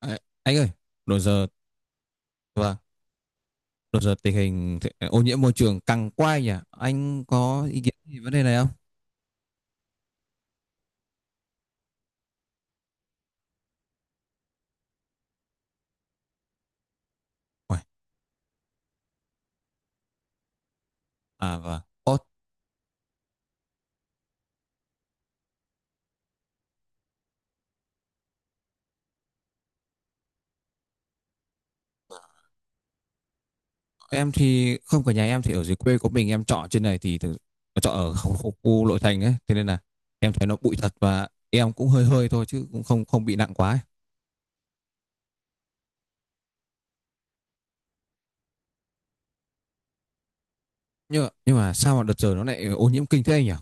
À, anh ơi, đồ giờ và đồ giờ tình hình ô nhiễm môi trường căng quay nhỉ? Anh có ý kiến gì vấn đề này không? Uầy. À và Ồ, em thì không, cả nhà em thì ở dưới quê của mình, em trọ trên này thì thực, trọ ở khu nội thành ấy, thế nên là em thấy nó bụi thật, và em cũng hơi hơi thôi chứ cũng không không bị nặng quá ấy. Nhưng mà sao mà đợt giờ nó lại ô nhiễm kinh thế anh nhỉ?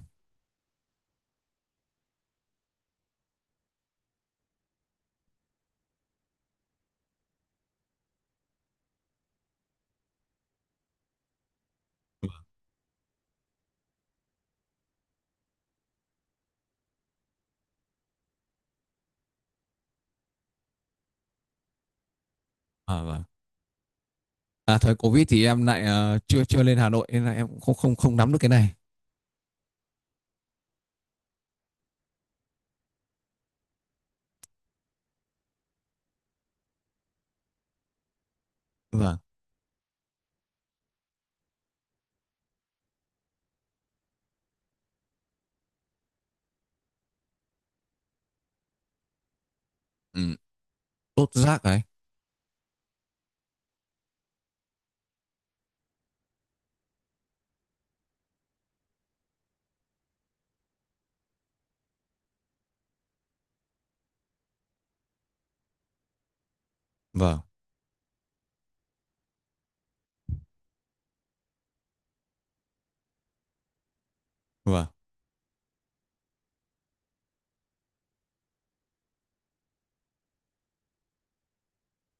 À, vâng. À, thời Covid thì em lại chưa chưa lên Hà Nội nên là em cũng không không không nắm được cái này. Vâng. Ừ, đốt rác ấy. Vâng. Vâng.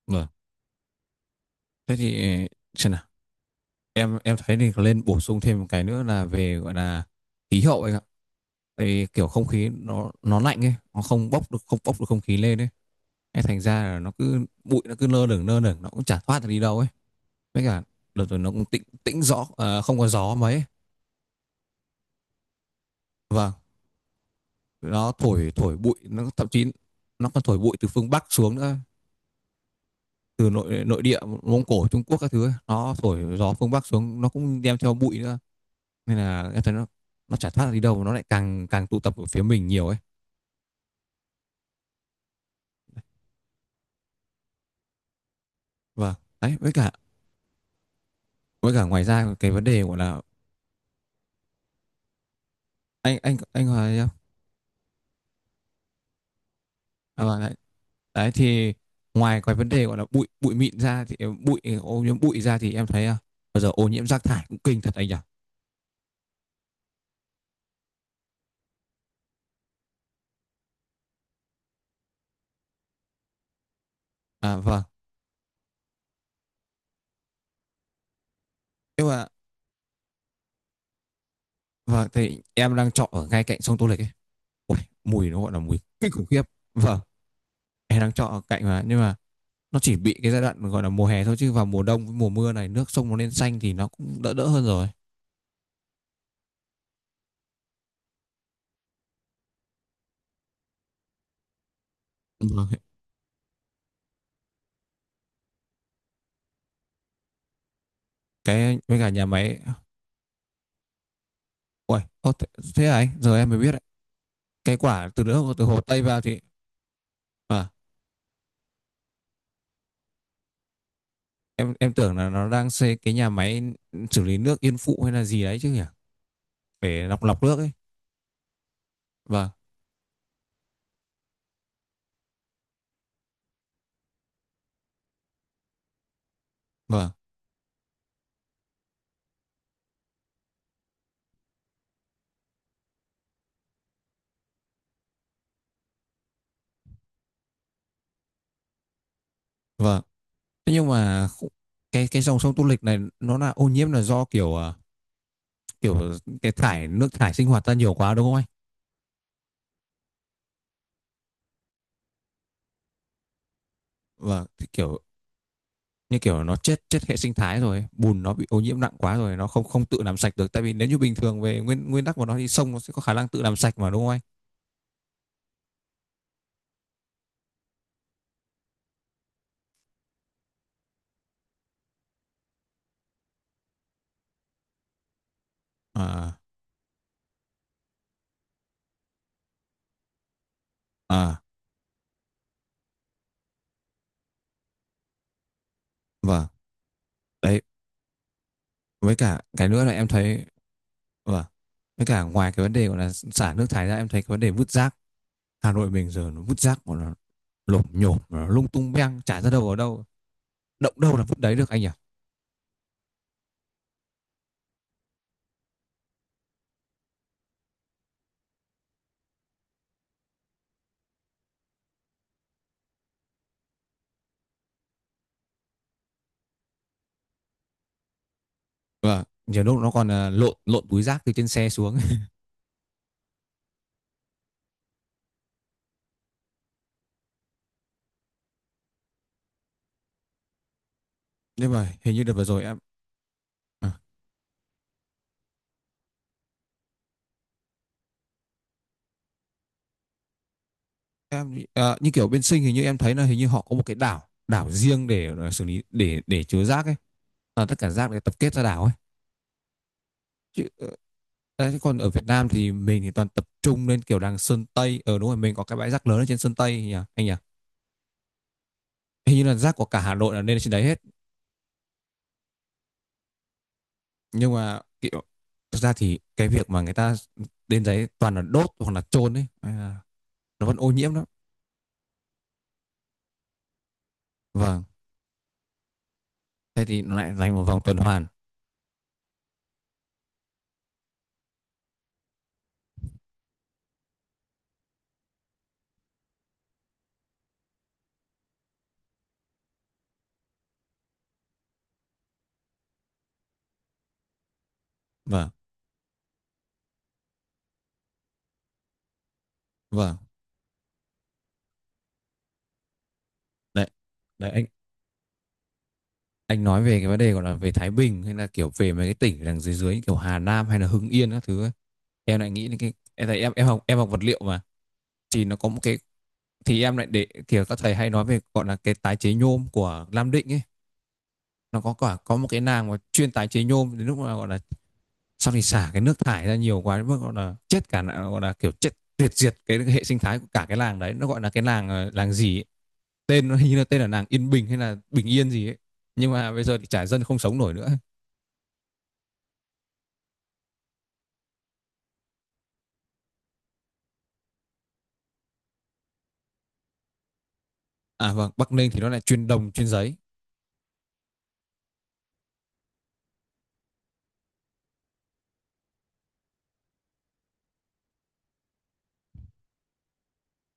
Vâng. Thế thì xem nào, em thấy thì nên bổ sung thêm một cái nữa là về gọi là khí hậu anh ạ. Tại vì kiểu không khí nó lạnh ấy, nó không bốc được không khí lên ấy. Thế thành ra là nó cứ bụi, nó cứ lơ lửng lơ lửng, nó cũng chả thoát được đi đâu ấy. Với cả đợt rồi nó cũng tĩnh tĩnh gió à, không có gió mấy ấy. Vâng, nó thổi thổi bụi, nó thậm chí nó còn thổi bụi từ phương Bắc xuống nữa, từ nội nội địa Mông Cổ, Trung Quốc các thứ ấy. Nó thổi gió phương Bắc xuống, nó cũng đem theo bụi nữa, nên là em thấy nó chả thoát ra đi đâu mà nó lại càng càng tụ tập ở phía mình nhiều ấy. Vâng, đấy, với cả ngoài ra cái vấn đề gọi là, anh hoài thấy không? À, vâng, đấy. Đấy thì ngoài cái vấn đề gọi là bụi bụi mịn ra thì bụi ô nhiễm bụi ra thì em thấy bây giờ ô nhiễm rác thải cũng kinh thật anh nhỉ. À vâng. Nhưng mà vâng, thì em đang trọ ở ngay cạnh sông Tô Lịch ấy. Ôi, mùi nó gọi là mùi kinh khủng khiếp. Vâng, em đang trọ ở cạnh mà, nhưng mà nó chỉ bị cái giai đoạn gọi là mùa hè thôi, chứ vào mùa đông với mùa mưa này nước sông nó lên xanh thì nó cũng đỡ đỡ hơn rồi. Vâng, cái với cả nhà máy. Uầy, ô, thế à anh, giờ em mới biết đấy. Cái quả từ nước từ Hồ Tây vào thì à, em tưởng là nó đang xây cái nhà máy xử lý nước Yên Phụ hay là gì đấy chứ nhỉ, để lọc lọc nước ấy. Vâng. Vâng. Vâng. Thế nhưng mà cái dòng sông Tô Lịch này nó là ô nhiễm là do kiểu kiểu cái thải nước thải sinh hoạt ra nhiều quá, đúng không anh? Vâng, thì kiểu như kiểu nó chết chết hệ sinh thái rồi, bùn nó bị ô nhiễm nặng quá rồi, nó không không tự làm sạch được, tại vì nếu như bình thường về nguyên nguyên tắc của nó thì sông nó sẽ có khả năng tự làm sạch mà, đúng không anh? À. À, vâng, đấy, với cả cái nữa là em thấy, vâng, với cả ngoài cái vấn đề gọi là xả nước thải ra, em thấy cái vấn đề vứt rác. Hà Nội mình giờ nó vứt rác của nó lộp nhổm, nó lung tung beng chả ra đâu ở đâu, động đâu là vứt đấy được anh nhỉ. Vâng, nhiều lúc nó còn lộn lộn túi rác từ trên xe xuống. Nhưng mà hình như đợt vừa rồi à, như kiểu bên Sinh, hình như em thấy là hình như họ có một cái đảo, đảo riêng để xử lý, để chứa rác ấy. À, tất cả rác để tập kết ra đảo ấy. Chứ đấy, còn ở Việt Nam thì mình thì toàn tập trung lên kiểu đằng Sơn Tây ở, đúng rồi, mình có cái bãi rác lớn ở trên Sơn Tây nhỉ anh nhỉ. Hình như là rác của cả Hà Nội là lên trên đấy hết. Nhưng mà kiểu thực ra thì cái việc mà người ta đến đấy toàn là đốt hoặc là chôn ấy à, nó vẫn ô nhiễm lắm. Vâng, thế thì nó lại thành một vòng tuần hoàn. Vâng. Vâng. Đấy. Đấy anh nói về cái vấn đề gọi là về Thái Bình hay là kiểu về mấy cái tỉnh đằng dưới dưới kiểu Hà Nam hay là Hưng Yên các thứ ấy. Em lại nghĩ đến cái em thấy, em học vật liệu mà, thì nó có một cái, thì em lại để kiểu các thầy hay nói về gọi là cái tái chế nhôm của Nam Định ấy. Nó có cả có một cái nàng mà chuyên tái chế nhôm, đến lúc mà gọi là sau thì xả cái nước thải ra nhiều quá đến mức gọi là chết cả, gọi là kiểu chết tuyệt diệt cái hệ sinh thái của cả cái làng đấy. Nó gọi là cái làng làng gì ấy. Tên nó hình như là tên là làng Yên Bình hay là Bình Yên gì ấy, nhưng mà bây giờ thì chả, dân không sống nổi nữa. À vâng, Bắc Ninh thì nó lại chuyên đồng, chuyên giấy.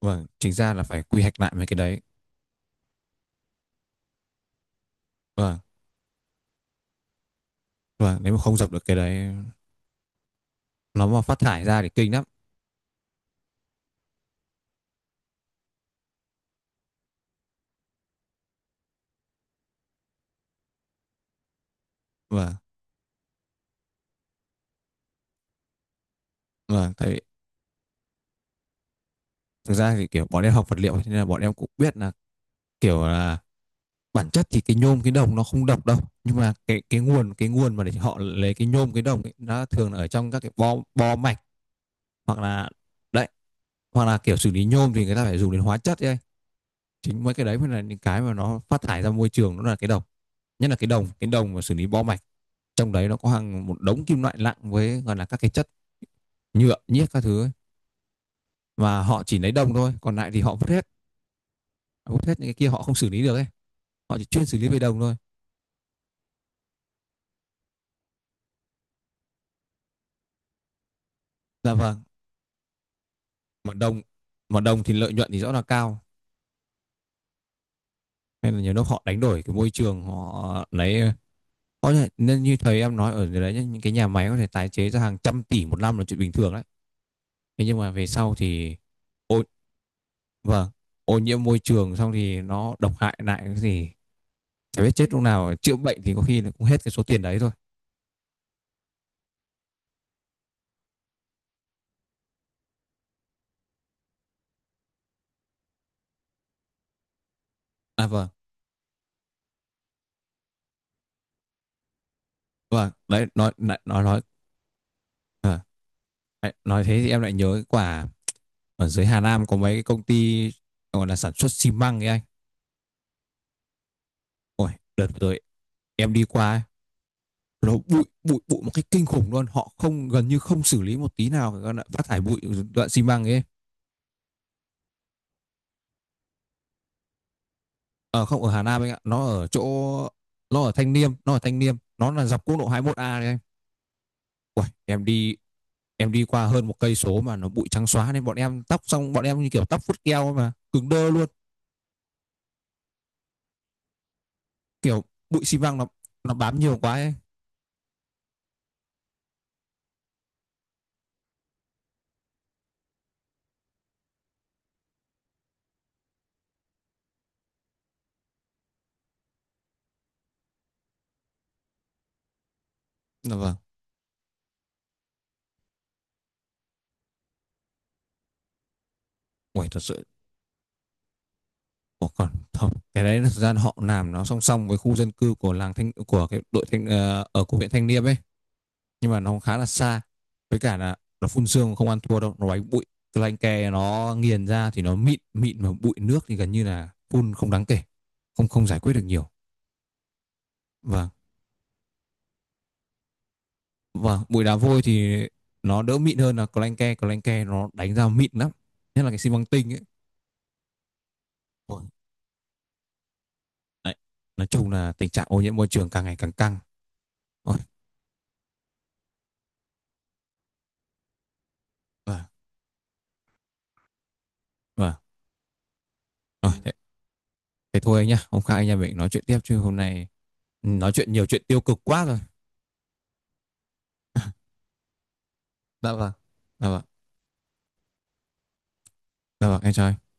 Vâng, chính ra là phải quy hoạch lại mấy cái đấy. Vâng, vâng, nếu mà không dập được cái đấy, nó mà phát thải ra thì kinh lắm. Vâng, vâng, tại vì thực ra thì kiểu bọn em học vật liệu, thế nên là bọn em cũng biết là kiểu là bản chất thì cái nhôm, cái đồng nó không độc đâu. Nhưng mà cái nguồn mà để họ lấy cái nhôm, cái đồng ấy, nó thường là ở trong các cái bo bo mạch, hoặc là đấy, hoặc là kiểu xử lý nhôm thì người ta phải dùng đến hóa chất ấy. Chính mấy cái đấy mới là những cái mà nó phát thải ra môi trường, nó là cái đồng, nhất là cái đồng mà xử lý bo mạch, trong đấy nó có hàng một đống kim loại nặng với gọi là các cái chất nhựa nhiếc các thứ ấy. Và họ chỉ lấy đồng thôi, còn lại thì họ vứt hết, vứt hết những cái kia, họ không xử lý được ấy, họ chỉ chuyên xử lý về đồng thôi. Dạ vâng. Mà đồng mà đồng thì lợi nhuận thì rõ là cao, nên là nhiều lúc họ đánh đổi cái môi trường họ lấy, có thể nên như thầy em nói ở đấy nhá, những cái nhà máy có thể tái chế ra hàng trăm tỷ một năm là chuyện bình thường đấy. Thế nhưng mà về sau thì, ô vâng, ô nhiễm môi trường xong thì nó độc hại lại, cái gì chả biết chết lúc nào, chữa bệnh thì có khi là cũng hết cái số tiền đấy thôi. À vâng, vâng, đấy, nói à, đấy, nói thế thì em lại nhớ cái quả ở dưới Hà Nam có mấy cái công ty gọi là sản xuất xi măng ấy anh. Ôi, đợt vừa rồi em đi qua ấy, nó bụi bụi bụi một cách kinh khủng luôn, họ không gần như không xử lý một tí nào cái đoạn phát thải bụi đoạn xi măng ấy. Ờ không, ở Hà Nam anh ạ, nó ở Thanh Liêm, nó là dọc quốc lộ 21A đấy anh. Ôi, em đi qua hơn 1 cây số mà nó bụi trắng xóa, nên bọn em tóc xong bọn em như kiểu tóc vút keo ấy, mà cứng đơ luôn. Kiểu bụi xi măng nó bám nhiều quá ấy. Là vâng, ui thật sự. Ủa còn không, cái đấy là thực ra họ làm nó song song với khu dân cư của làng thanh, của cái đội thanh ở của huyện Thanh Liêm ấy, nhưng mà nó khá là xa. Với cả là nó phun sương không ăn thua đâu, nó đánh bụi cái lanh ke nó nghiền ra thì nó mịn mịn, mà bụi nước thì gần như là phun không đáng kể, không không giải quyết được nhiều. Và và bụi đá vôi thì nó đỡ mịn hơn là clanke, nó đánh ra mịn lắm, nhất là cái xi măng tinh ấy. Ôi. Đấy. Nói chung là tình trạng ô nhiễm môi trường càng ngày càng căng. Ôi, vâng, vâng. Rồi, thế thôi anh nhá. Hôm khác anh em mình nói chuyện tiếp, chứ hôm nay nói chuyện nhiều chuyện tiêu cực quá rồi. Dạ vâng. Dạ vâng, dạ vâng, em chào anh.